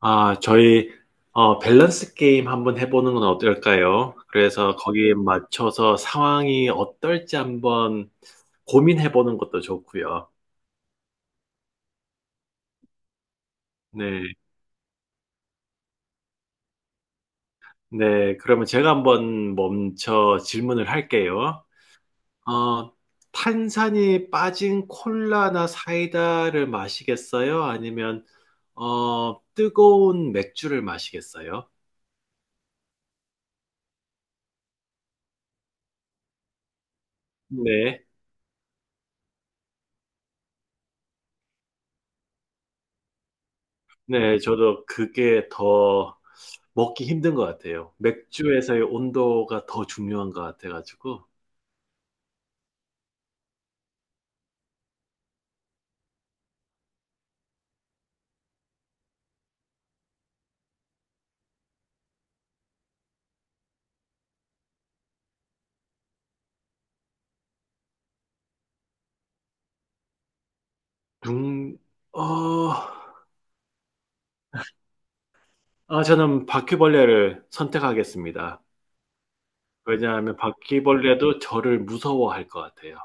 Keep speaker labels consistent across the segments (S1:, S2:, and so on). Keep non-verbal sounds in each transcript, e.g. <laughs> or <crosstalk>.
S1: 아, 저희, 밸런스 게임 한번 해보는 건 어떨까요? 그래서 거기에 맞춰서 상황이 어떨지 한번 고민해보는 것도 좋고요. 네, 네. 그러면 제가 한번 멈춰 질문을 할게요. 어, 탄산이 빠진 콜라나 사이다를 마시겠어요? 아니면, 뜨거운 맥주를 마시겠어요? 네. 네, 저도 그게 더 먹기 힘든 것 같아요. 맥주에서의 온도가 더 중요한 것 같아가지고. 중, 어, 아, 저는 바퀴벌레를 선택하겠습니다. 왜냐하면 바퀴벌레도 저를 무서워할 것 같아요.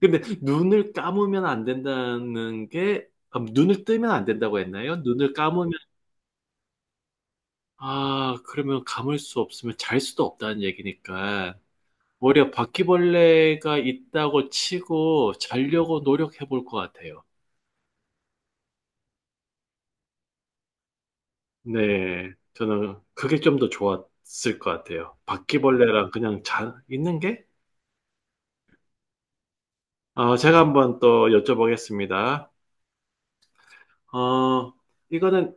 S1: 근데 눈을 감으면 안 된다는 게, 아, 눈을 뜨면 안 된다고 했나요? 눈을 감으면, 아, 그러면 감을 수 없으면 잘 수도 없다는 얘기니까. 오히려 바퀴벌레가 있다고 치고 자려고 노력해 볼 것 같아요. 네, 저는 그게 좀 더 좋았을 것 같아요. 바퀴벌레랑 그냥 있는 게? 제가 한번 또 여쭤보겠습니다. 어, 이거는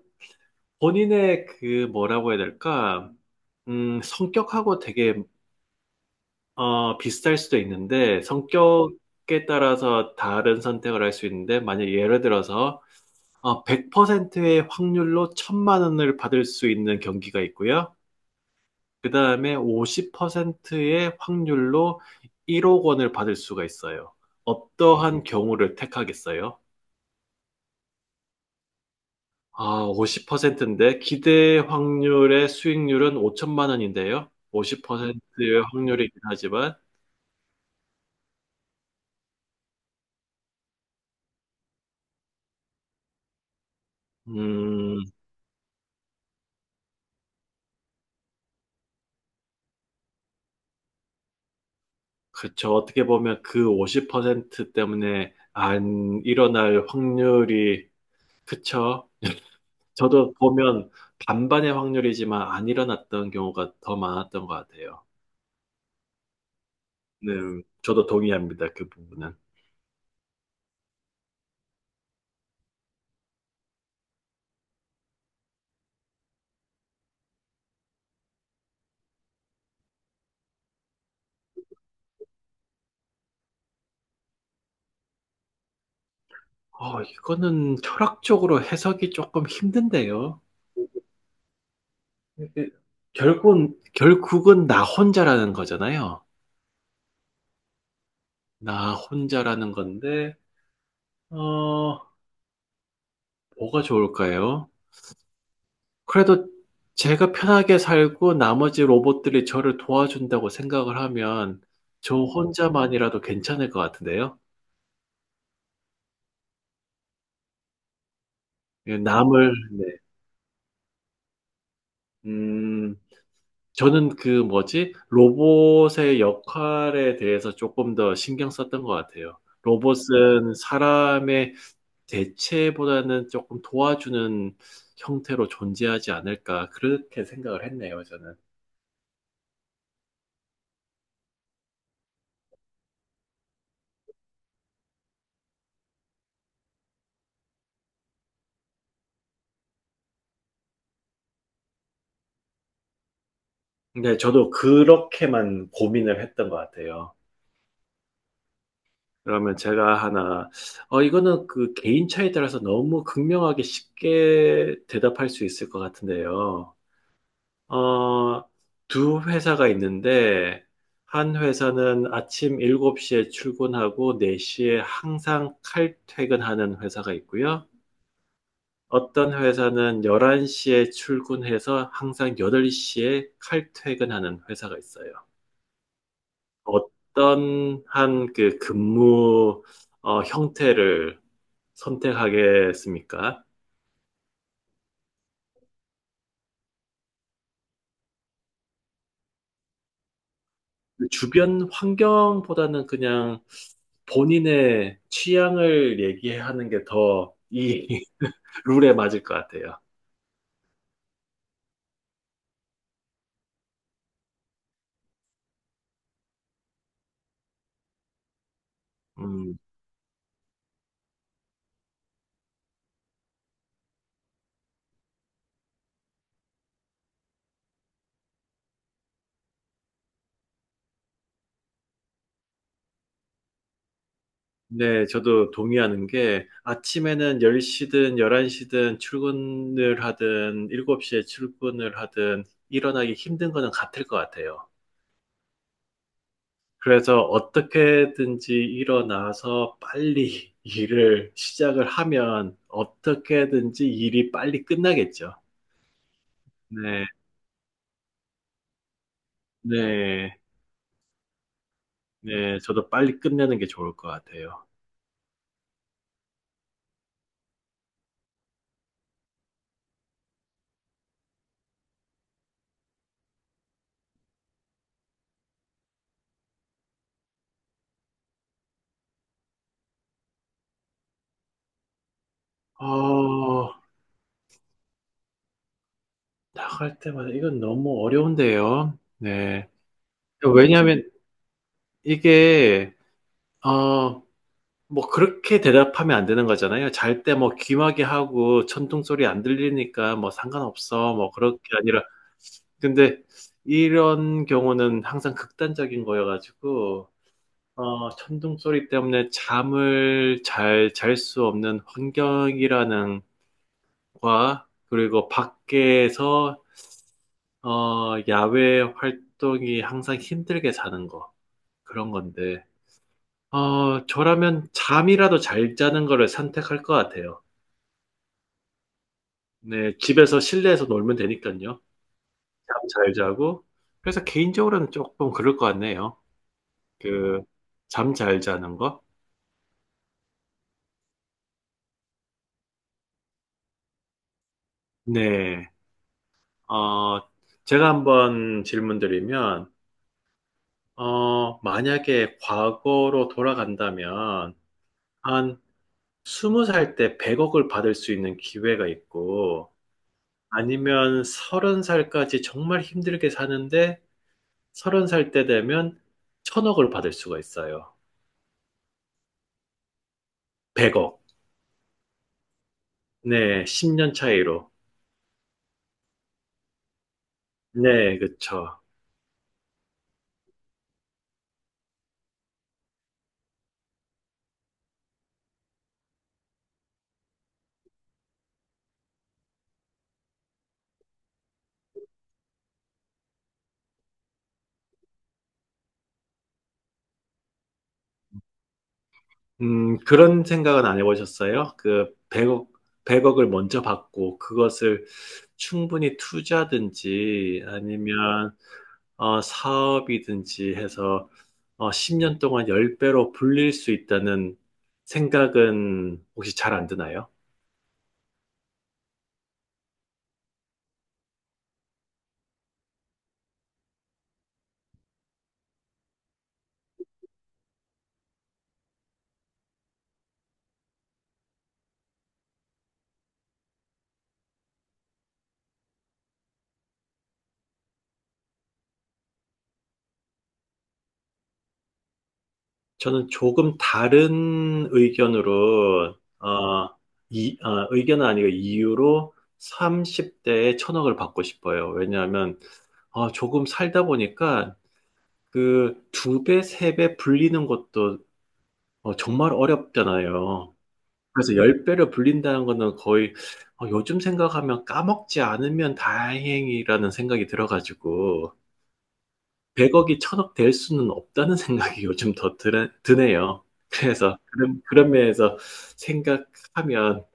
S1: 본인의 그 뭐라고 해야 될까? 성격하고 되게 비슷할 수도 있는데 성격에 따라서 다른 선택을 할 수 있는데 만약 예를 들어서 100%의 확률로 천만 원을 받을 수 있는 경기가 있고요. 그 다음에 50%의 확률로 1억 원을 받을 수가 있어요. 어떠한 경우를 택하겠어요? 아, 50%인데 기대 확률의 수익률은 5천만 원인데요. 50%의 확률이긴 하지만, 음, 그쵸. 어떻게 보면 그 50% 때문에 안 일어날 확률이, 그쵸. 저도 보면 반반의 확률이지만 안 일어났던 경우가 더 많았던 것 같아요. 네, 저도 동의합니다. 그 부분은. 이거는 철학적으로 해석이 조금 힘든데요. 이게 결국은 나 혼자라는 거잖아요. 나 혼자라는 건데, 어, 뭐가 좋을까요? 그래도 제가 편하게 살고 나머지 로봇들이 저를 도와준다고 생각을 하면 저 혼자만이라도 괜찮을 것 같은데요. 예, 네, 음, 저는 그 뭐지? 로봇의 역할에 대해서 조금 더 신경 썼던 것 같아요. 로봇은 사람의 대체보다는 조금 도와주는 형태로 존재하지 않을까, 그렇게 생각을 했네요, 저는. 근데 저도 그렇게만 고민을 했던 것 같아요. 그러면 제가 하나, 이거는 그 개인 차에 따라서 너무 극명하게 쉽게 대답할 수 있을 것 같은데요. 어, 두 회사가 있는데, 한 회사는 아침 7시에 출근하고 4시에 항상 칼퇴근하는 회사가 있고요. 어떤 회사는 11시에 출근해서 항상 8시에 칼퇴근하는 회사가 있어요. 어떤 한 그 근무 형태를 선택하겠습니까? 그 주변 환경보다는 그냥 본인의 취향을 얘기하는 게 더 이 <laughs> 룰에 맞을 것 같아요. 음, 네, 저도 동의하는 게 아침에는 10시든 11시든 출근을 하든 7시에 출근을 하든 일어나기 힘든 거는 같을 것 같아요. 그래서 어떻게든지 일어나서 빨리 <laughs> 일을 시작을 하면 어떻게든지 일이 빨리 끝나겠죠. 네, 네. 네, 저도 빨리 끝내는 게 좋을 것 같아요. 어, 나갈 때마다 이건 너무 어려운데요. 네. 왜냐하면 이게, 어, 뭐 그렇게 대답하면 안 되는 거잖아요. 잘 때 뭐 귀마개 하고 천둥 소리 안 들리니까 뭐 상관없어. 뭐 그렇게 아니라. 근데 이런 경우는 항상 극단적인 거여가지고, 천둥 소리 때문에 잠을 잘 잘 수 없는 환경이라는 과 그리고 밖에서 야외 활동이 항상 힘들게 자는 거 그런 건데 저라면 잠이라도 잘 자는 거를 선택할 것 같아요. 네, 집에서 실내에서 놀면 되니까요. 잠 잘 자고 그래서 개인적으로는 조금 그럴 것 같네요. 그 잠 잘 자는 거. 네, 어, 제가 한번 질문드리면 만약에 과거로 돌아간다면 한 20살 때 100억을 받을 수 있는 기회가 있고, 아니면 서른 살까지 정말 힘들게 사는데, 30살 때 되면 천억을 받을 수가 있어요. 100억. 네, 10년 차이로. 네, 그쵸. 그런 생각은 안 해보셨어요? 100억을 먼저 받고 그것을 충분히 투자든지 아니면 사업이든지 해서 10년 동안 10배로 불릴 수 있다는 생각은 혹시 잘 안 드나요? 저는 조금 다른 의견으로 의견은 아니고 이유로 30대에 천억을 받고 싶어요. 왜냐하면 조금 살다 보니까 그 2배, 3배 불리는 것도 정말 어렵잖아요. 그래서 열 배를 불린다는 거는 거의 요즘 생각하면 까먹지 않으면 다행이라는 생각이 들어가지고 100억이 1억될 수는 없다는 <laughs> 생각이 요즘 더 드네요. 그래서 그런 면에서 생각하면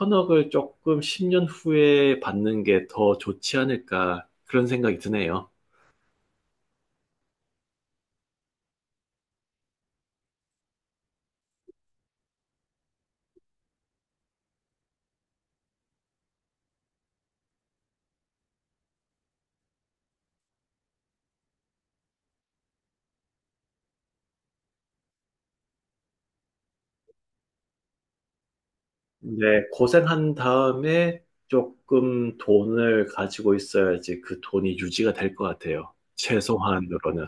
S1: 1억을 조금 10년 후에 받는 게 더 좋지 않을까 그런 생각이 드네요. 네, 고생한 다음에 조금 돈을 가지고 있어야지 그 돈이 유지가 될 것 같아요. 최소한으로는.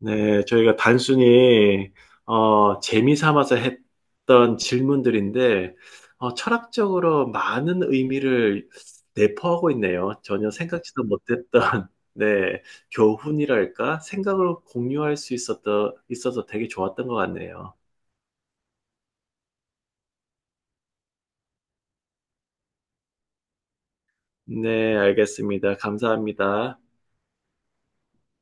S1: 네, 저희가 단순히 재미 삼아서 했던 질문들인데 철학적으로 많은 의미를 내포하고 있네요. 전혀 생각지도 못했던 <laughs> 네, 교훈이랄까? 생각을 공유할 수 있었던, 있어서 되게 좋았던 것 같네요. 네, 알겠습니다. 감사합니다.